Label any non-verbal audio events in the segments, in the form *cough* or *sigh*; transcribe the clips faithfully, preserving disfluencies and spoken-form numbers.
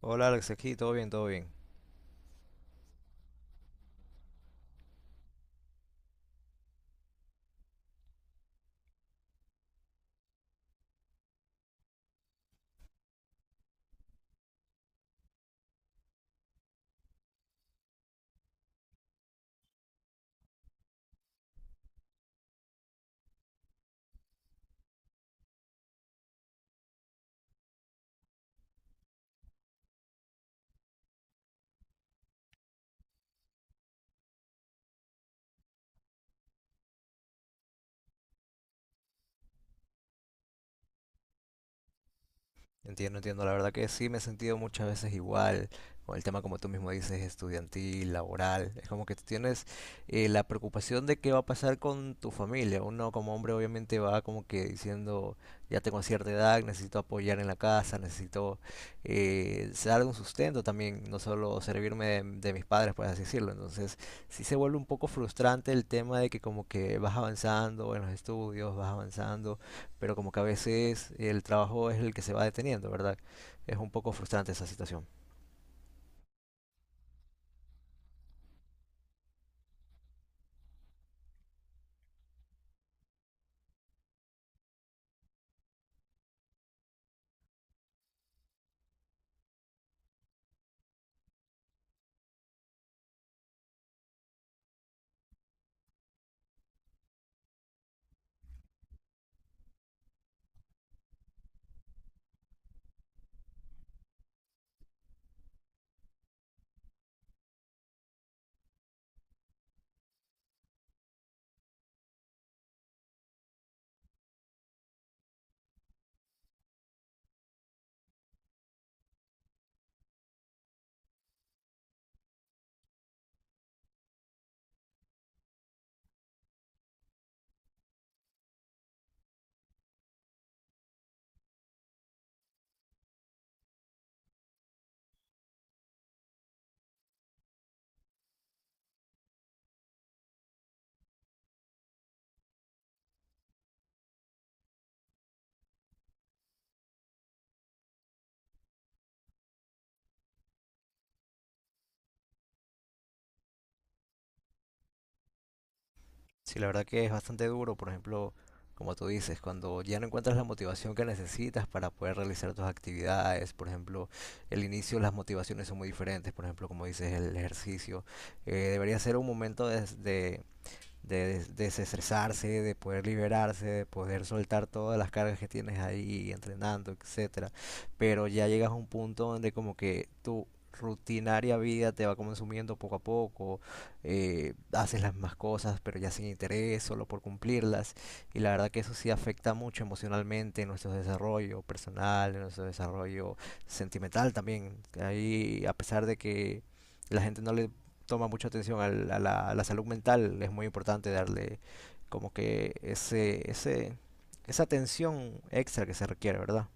Hola Alex, aquí todo bien, todo bien. Entiendo, entiendo. La verdad que sí me he sentido muchas veces igual con el tema, como tú mismo dices, estudiantil, laboral. Es como que tú tienes eh, la preocupación de qué va a pasar con tu familia. Uno como hombre obviamente va como que diciendo, ya tengo cierta edad, necesito apoyar en la casa, necesito eh, dar un sustento también, no solo servirme de, de mis padres, por así decirlo. Entonces sí se vuelve un poco frustrante el tema de que como que vas avanzando en los estudios, vas avanzando pero como que a veces el trabajo es el que se va deteniendo, ¿verdad? Es un poco frustrante esa situación. Sí, la verdad que es bastante duro, por ejemplo, como tú dices, cuando ya no encuentras la motivación que necesitas para poder realizar tus actividades, por ejemplo, el inicio, las motivaciones son muy diferentes, por ejemplo, como dices, el ejercicio, eh, debería ser un momento de, de desestresarse, de poder liberarse, de poder soltar todas las cargas que tienes ahí entrenando, etcétera. Pero ya llegas a un punto donde como que tu rutinaria vida te va consumiendo poco a poco, eh, haces las mismas cosas pero ya sin interés, solo por cumplirlas. Y la verdad que eso sí afecta mucho emocionalmente en nuestro desarrollo personal, en nuestro desarrollo sentimental también. Ahí, a pesar de que la gente no le toma mucha atención al- a la, a la salud mental, es muy importante darle como que ese, ese, esa atención extra que se requiere, ¿verdad?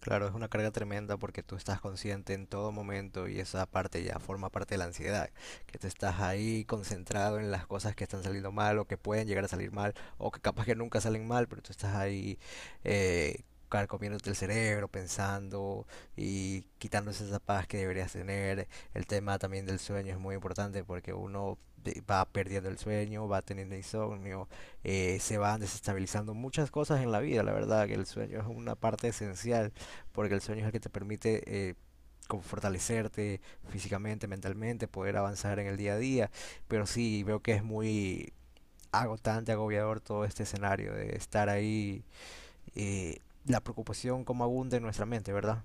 Claro, es una carga tremenda porque tú estás consciente en todo momento y esa parte ya forma parte de la ansiedad, que te estás ahí concentrado en las cosas que están saliendo mal o que pueden llegar a salir mal o que capaz que nunca salen mal, pero tú estás ahí eh, carcomiéndote el cerebro, pensando y quitándose esa paz que deberías tener. El tema también del sueño es muy importante porque uno de- va perdiendo el sueño, va teniendo insomnio, eh, se van desestabilizando muchas cosas en la vida, la verdad que el sueño es una parte esencial porque el sueño es el que te permite eh, como fortalecerte físicamente, mentalmente, poder avanzar en el día a día, pero sí veo que es muy agotante, agobiador todo este escenario de estar ahí, eh, la preocupación como abunda en nuestra mente, ¿verdad?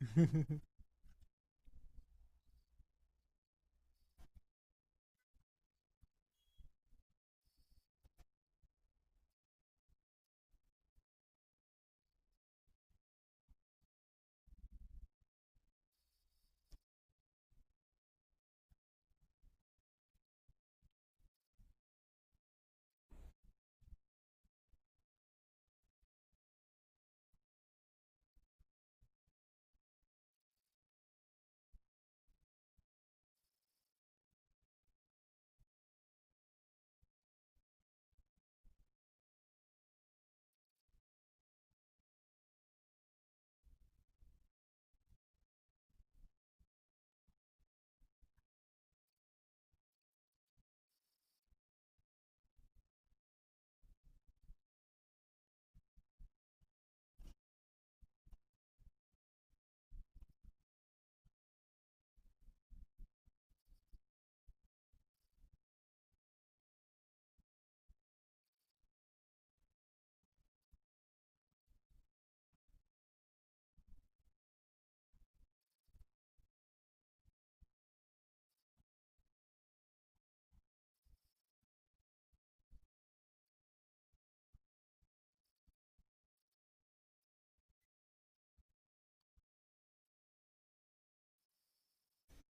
*laughs*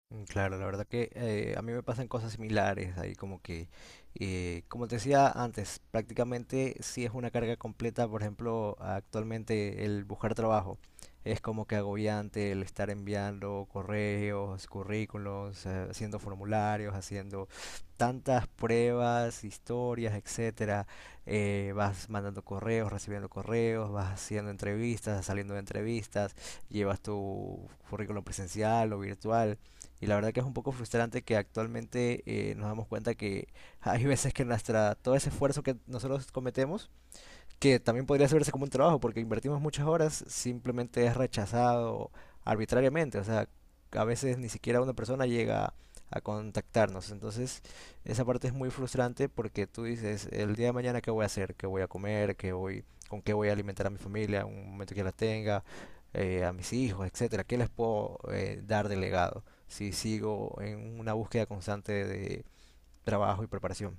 Mm, claro, la verdad que eh, a mí me pasan cosas similares ahí, como que, eh, como te decía antes, prácticamente sí es una carga completa, por ejemplo, actualmente el buscar trabajo es como que agobiante el estar enviando correos, currículos, eh, haciendo formularios, haciendo tantas pruebas, historias, etcétera. Eh, vas mandando correos, recibiendo correos, vas haciendo entrevistas, saliendo de entrevistas, llevas tu currículum presencial o virtual. Y la verdad que es un poco frustrante que actualmente eh, nos damos cuenta que *laughs* hay veces que nuestra, todo ese esfuerzo que nosotros cometemos que también podría verse como un trabajo, porque invertimos muchas horas, simplemente es rechazado arbitrariamente, o sea, a veces ni siquiera una persona llega a contactarnos, entonces esa parte es muy frustrante porque tú dices, el día de mañana qué voy a hacer, qué voy a comer, qué voy, con qué voy a alimentar a mi familia, en un momento que la tenga, eh, a mis hijos, etcétera, qué les puedo eh, dar de legado si sigo en una búsqueda constante de trabajo y preparación.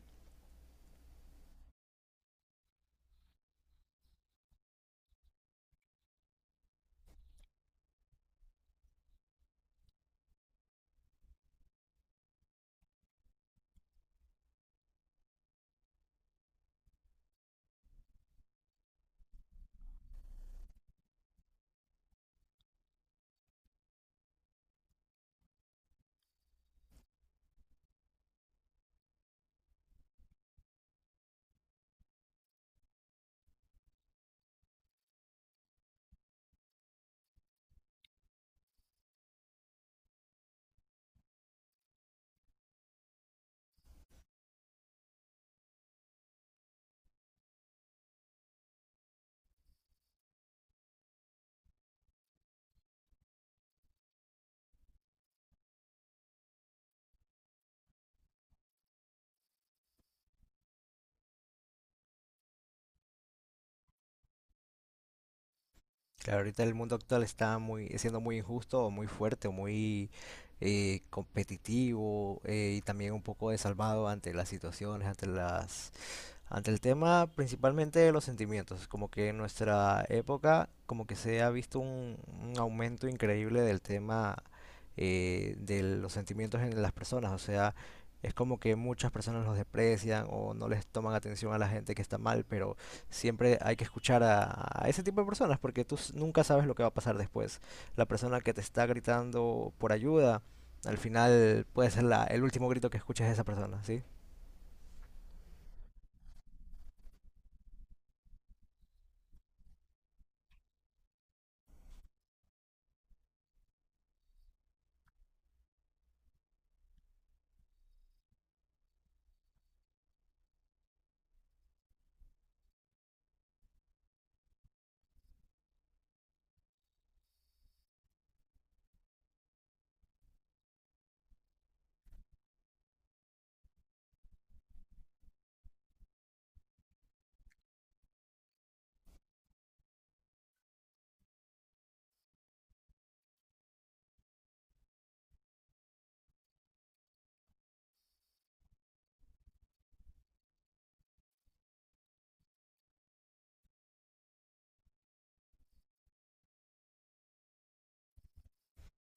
Claro, ahorita el mundo actual está muy, siendo muy injusto, o muy fuerte, o muy eh, competitivo eh, y también un poco desalmado ante las situaciones, ante las ante el tema principalmente de los sentimientos, como que en nuestra época como que se ha visto un, un aumento increíble del tema eh, de los sentimientos en las personas, o sea, es como que muchas personas los desprecian o no les toman atención a la gente que está mal, pero siempre hay que escuchar a, a ese tipo de personas porque tú s- nunca sabes lo que va a pasar después. La persona que te está gritando por ayuda, al final puede ser la- el último grito que escuches de esa persona, ¿sí?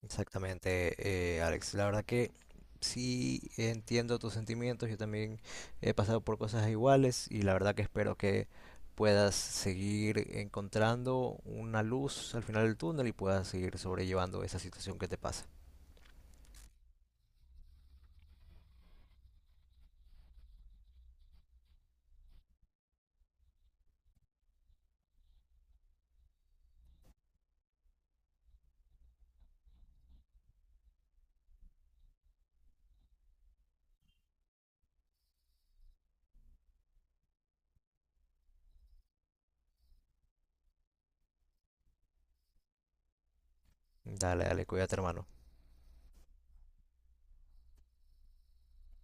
Exactamente, eh, Alex. La verdad que sí entiendo tus sentimientos. Yo también he pasado por cosas iguales y la verdad que espero que puedas seguir encontrando una luz al final del túnel y puedas seguir sobrellevando esa situación que te pasa. Dale, dale, cuídate, hermano.